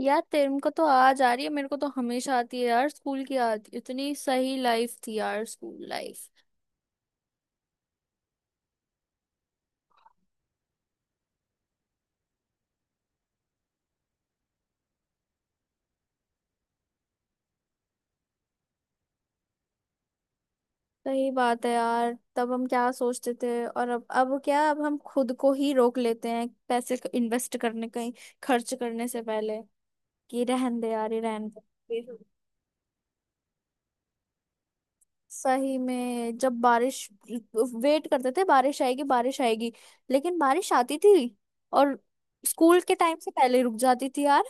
यार तेरे को तो आज आ रही है। मेरे को तो हमेशा आती है यार स्कूल की याद। इतनी सही लाइफ थी यार स्कूल लाइफ। सही बात है यार, तब हम क्या सोचते थे और अब क्या, अब हम खुद को ही रोक लेते हैं पैसे इन्वेस्ट करने, कहीं खर्च करने से पहले, कि रहन दे यार, ये रहन दे। फिर सही में जब बारिश, वेट करते थे बारिश आएगी बारिश आएगी, लेकिन बारिश आती थी और स्कूल के टाइम से पहले रुक जाती थी यार।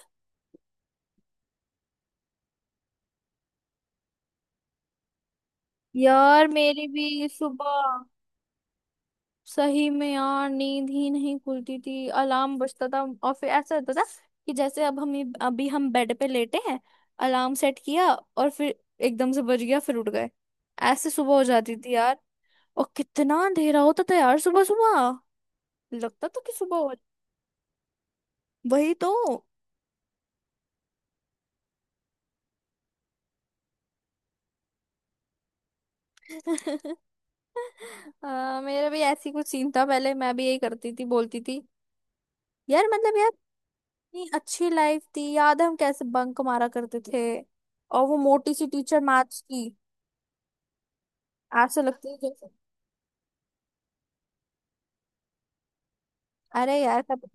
यार मेरी भी सुबह। सही में यार नींद ही नहीं खुलती थी, अलार्म बजता था और फिर ऐसा होता था कि जैसे अब हम अभी हम बेड पे लेटे हैं, अलार्म सेट किया और फिर एकदम से बज गया, फिर उठ गए। ऐसे सुबह हो जाती थी यार। और कितना अंधेरा होता था यार सुबह सुबह, लगता था कि सुबह हो। वही तो। मेरा भी ऐसी कुछ सीन था पहले, मैं भी यही करती थी बोलती थी। यार मतलब यार इतनी अच्छी लाइफ थी। याद है हम कैसे बंक मारा करते थे। और वो मोटी सी टीचर मैथ्स की ऐसे लगती है जैसे। अरे यार कब।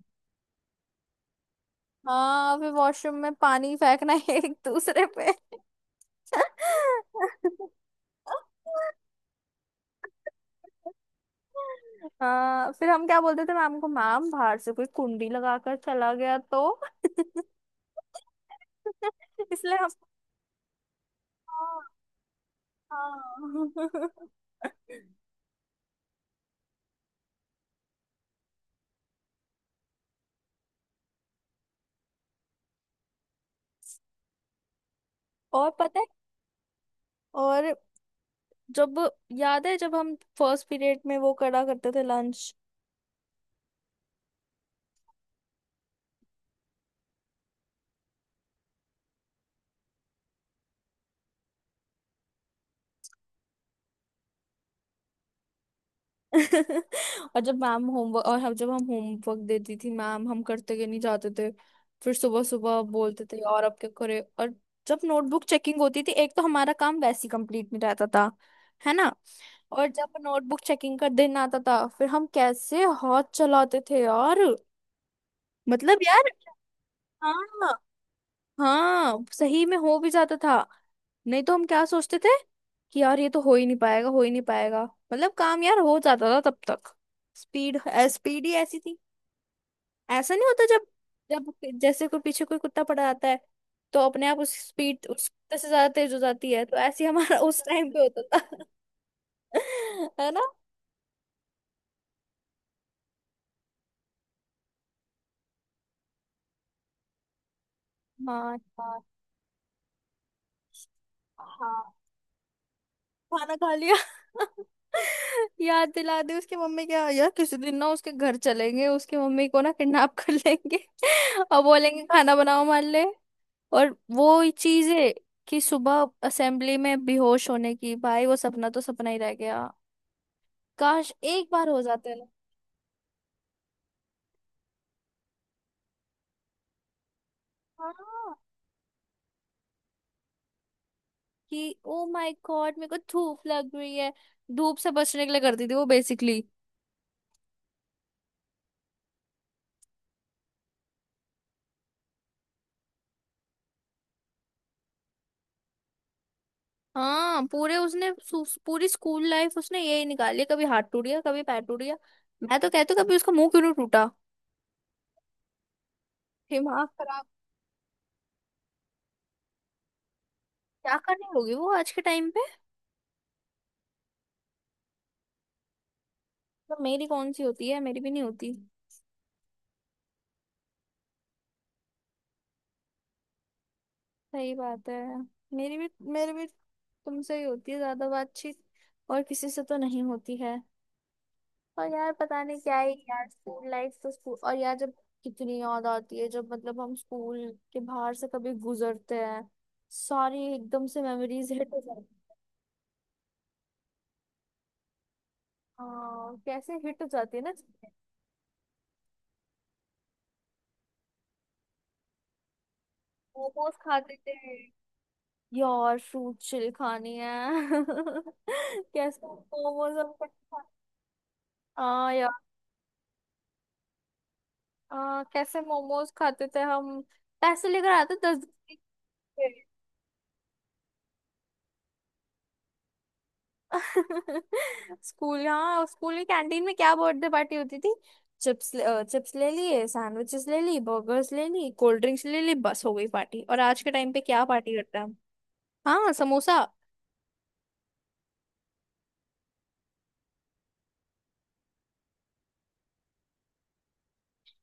हाँ फिर वॉशरूम में पानी फेंकना एक दूसरे पे। हाँ फिर हम क्या बोलते थे मैम को, मैम बाहर से कोई कुंडी लगाकर चला गया तो। इसलिए हम। हाँ। हाँ। और पता है। और जब, याद है जब हम फर्स्ट पीरियड में वो करा करते थे लंच। और जब मैम होमवर्क और हम जब हम होमवर्क देती थी मैम, हम करते के नहीं जाते थे। फिर सुबह सुबह बोलते थे और अब क्या करे। और जब नोटबुक चेकिंग होती थी, एक तो हमारा काम वैसे कंप्लीट नहीं रहता था, है ना। और जब नोटबुक चेकिंग का दिन आता था, फिर हम कैसे हाथ चलाते थे और। मतलब यार। हाँ। हाँ सही में हो भी जाता था। नहीं तो हम क्या सोचते थे कि यार ये तो हो ही नहीं पाएगा, हो ही नहीं पाएगा। मतलब काम यार हो जाता था तब तक। स्पीड, स्पीड ही ऐसी थी। ऐसा नहीं होता जब, जब जैसे कोई पीछे कोई कुत्ता पड़ा आता है, तो अपने आप उस स्पीड उस कुत्ते से ज्यादा तेज हो जाती है, तो ऐसे ही हमारा उस टाइम पे होता था। है ना। हाँ। हाँ। खाना खा लिया। याद दिला दी उसकी मम्मी। क्या यार, किसी दिन ना उसके घर चलेंगे, उसकी मम्मी को ना किडनैप कर लेंगे। और बोलेंगे खाना बनाओ हमारे लिए। और वो ही चीज है कि सुबह असेंबली में बेहोश होने की, भाई वो सपना तो सपना ही रह गया। काश एक बार हो जाते ना। हाँ कि ओ माय गॉड मेरे को धूप लग रही है। धूप से बचने के लिए करती थी वो बेसिकली। हाँ, पूरी स्कूल लाइफ उसने यही निकाली, कभी हाथ टूट गया, कभी पैर टूट गया। मैं तो कहती हूँ कभी उसका मुंह क्यों नहीं टूटा। दिमाग खराब। क्या करनी होगी वो आज के टाइम पे। तो मेरी कौन सी होती है, मेरी भी नहीं होती। सही बात है। मेरी भी तुमसे ही होती है ज्यादा बातचीत। और किसी से तो नहीं होती है। और यार पता नहीं क्या ही यार स्कूल लाइफ तो स्कूल। और यार जब, कितनी याद आती है जब मतलब हम स्कूल के बाहर से कभी गुजरते हैं, सारी एकदम से मेमोरीज हिट हो जाती है। हाँ कैसे हिट हो जाती है ना चीजें। मोमोज खाते थे। यार फ्रूट चिल खानी है। कैसे मोमोज हम कट खा-। हाँ यार। हाँ कैसे मोमोज खाते थे हम, पैसे लेकर आते 10 के। स्कूल, हाँ स्कूल में कैंटीन में क्या बर्थडे पार्टी होती थी। चिप्स, चिप्स ले लिए, सैंडविचेस ले ली, बर्गर्स ले ली, कोल्ड ड्रिंक्स ले ली, बस हो गई पार्टी। और आज के टाइम पे क्या पार्टी करते हैं हम। हाँ, समोसा।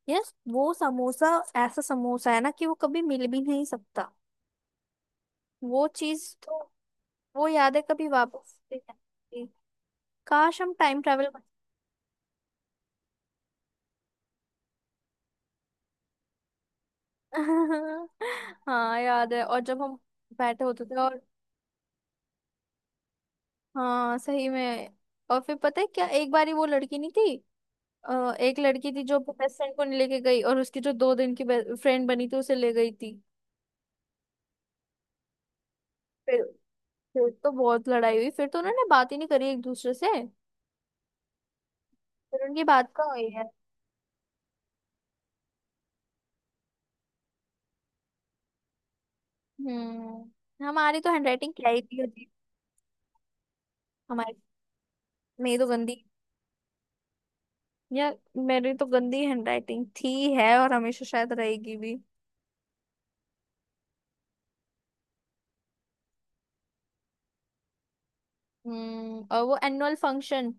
यस वो समोसा, ऐसा समोसा है ना कि वो कभी मिल भी नहीं सकता। वो चीज तो, वो याद है कभी वापस नहीं आती। काश हम टाइम ट्रेवल। हाँ याद है। और जब हम बैठे होते थे और। हाँ सही में। और फिर पता है क्या, एक बारी वो लड़की नहीं थी, एक लड़की थी जो अपने बेस्ट फ्रेंड को नहीं लेके गई और उसकी जो 2 दिन की फ्रेंड बनी थी उसे ले गई थी। फिर, तो बहुत लड़ाई हुई, फिर तो उन्होंने बात ही नहीं करी एक दूसरे से। फिर उनकी बात कहाँ हुई। हमारी तो हैंडराइटिंग क्या ही थी अजीब। हमारी मेरी तो गंदी। यार मेरी तो गंदी हैंडराइटिंग थी है और हमेशा शायद रहेगी भी। और वो एनुअल फंक्शन,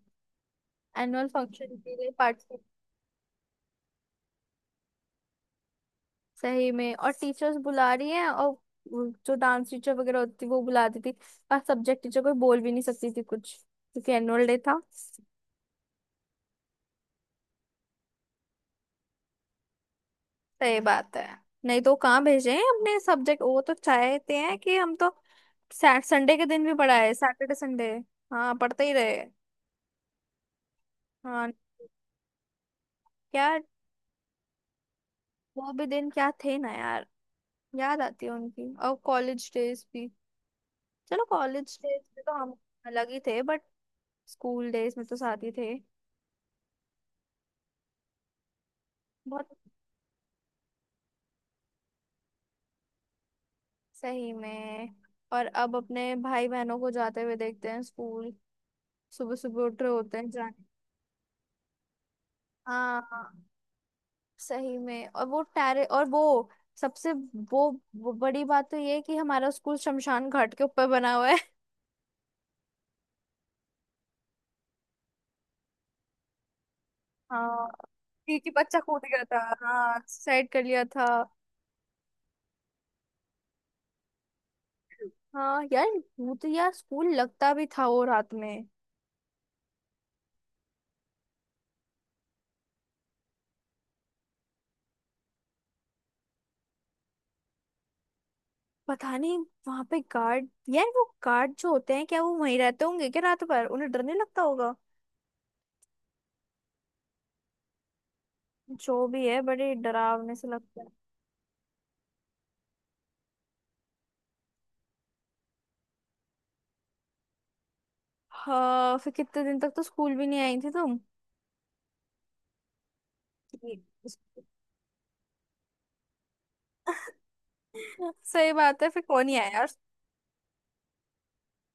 एनुअल फंक्शन के लिए पार्टिसिपेट। सही में, और टीचर्स बुला रही हैं और वो जो डांस टीचर वगैरह होती वो बुलाती थी। और सब्जेक्ट टीचर कोई बोल भी नहीं सकती थी कुछ, क्योंकि एनुअल डे था। सही बात है। नहीं तो कहाँ भेजे हैं अपने सब्जेक्ट, वो तो चाहते हैं कि हम तो सैट संडे के दिन भी पढ़ाए, सैटरडे संडे। हाँ पढ़ते ही रहे। हाँ। क्या। वो भी दिन क्या थे ना यार। याद आती है उनकी और कॉलेज डेज भी। चलो कॉलेज डेज में तो हम अलग ही थे बट स्कूल डेज में तो साथ ही थे बहुत। सही में। और अब अपने भाई बहनों को जाते हुए देखते हैं स्कूल, सुबह सुबह उठ रहे होते हैं जाने। हाँ। सही में। और वो टैरे और वो सबसे वो बड़ी बात तो ये है कि हमारा स्कूल शमशान घाट के ऊपर बना हुआ है। हाँ क्योंकि बच्चा कूद गया था। हाँ, साइड कर लिया था। हाँ यार। वो तो यार स्कूल लगता भी था वो रात में। पता नहीं, वहां पे गार्ड, यार वो गार्ड जो होते हैं, क्या वो वहीं रहते होंगे, क्या रात भर उन्हें डर नहीं लगता होगा। जो भी है बड़े डरावने से लगता है। हाँ फिर कितने दिन तक तो स्कूल भी नहीं आई थी तुम। ये-। सही बात है। फिर कौन ही आया यार।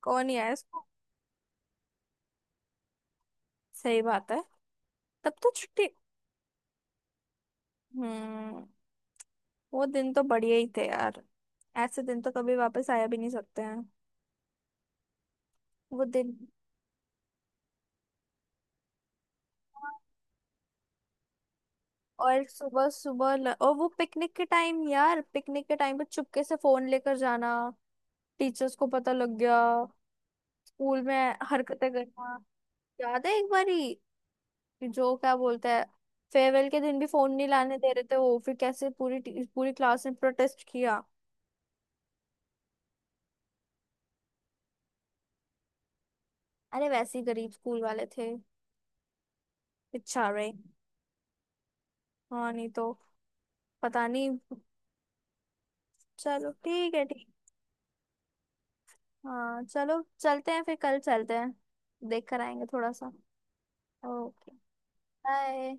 कौन यार इसको। सही बात है। तब तो छुट्टी। हम्म। वो दिन तो बढ़िया ही थे यार। ऐसे दिन तो कभी वापस आया भी नहीं सकते हैं वो दिन। और सुबह सुबह और वो पिकनिक के टाइम यार पिकनिक के टाइम पे चुपके से फोन लेकर जाना। टीचर्स को पता लग गया। स्कूल में हरकतें करना। याद है एक बारी, जो क्या बोलता है, फेयरवेल के दिन भी फोन नहीं लाने दे रहे थे वो, फिर कैसे पूरी क्लास ने प्रोटेस्ट किया। अरे वैसे ही गरीब स्कूल वाले थे बेचारे। हाँ नहीं तो। पता नहीं। चलो ठीक है, ठीक। हाँ चलो चलते हैं, फिर कल चलते हैं। देख कर आएंगे थोड़ा सा। ओके। बाय।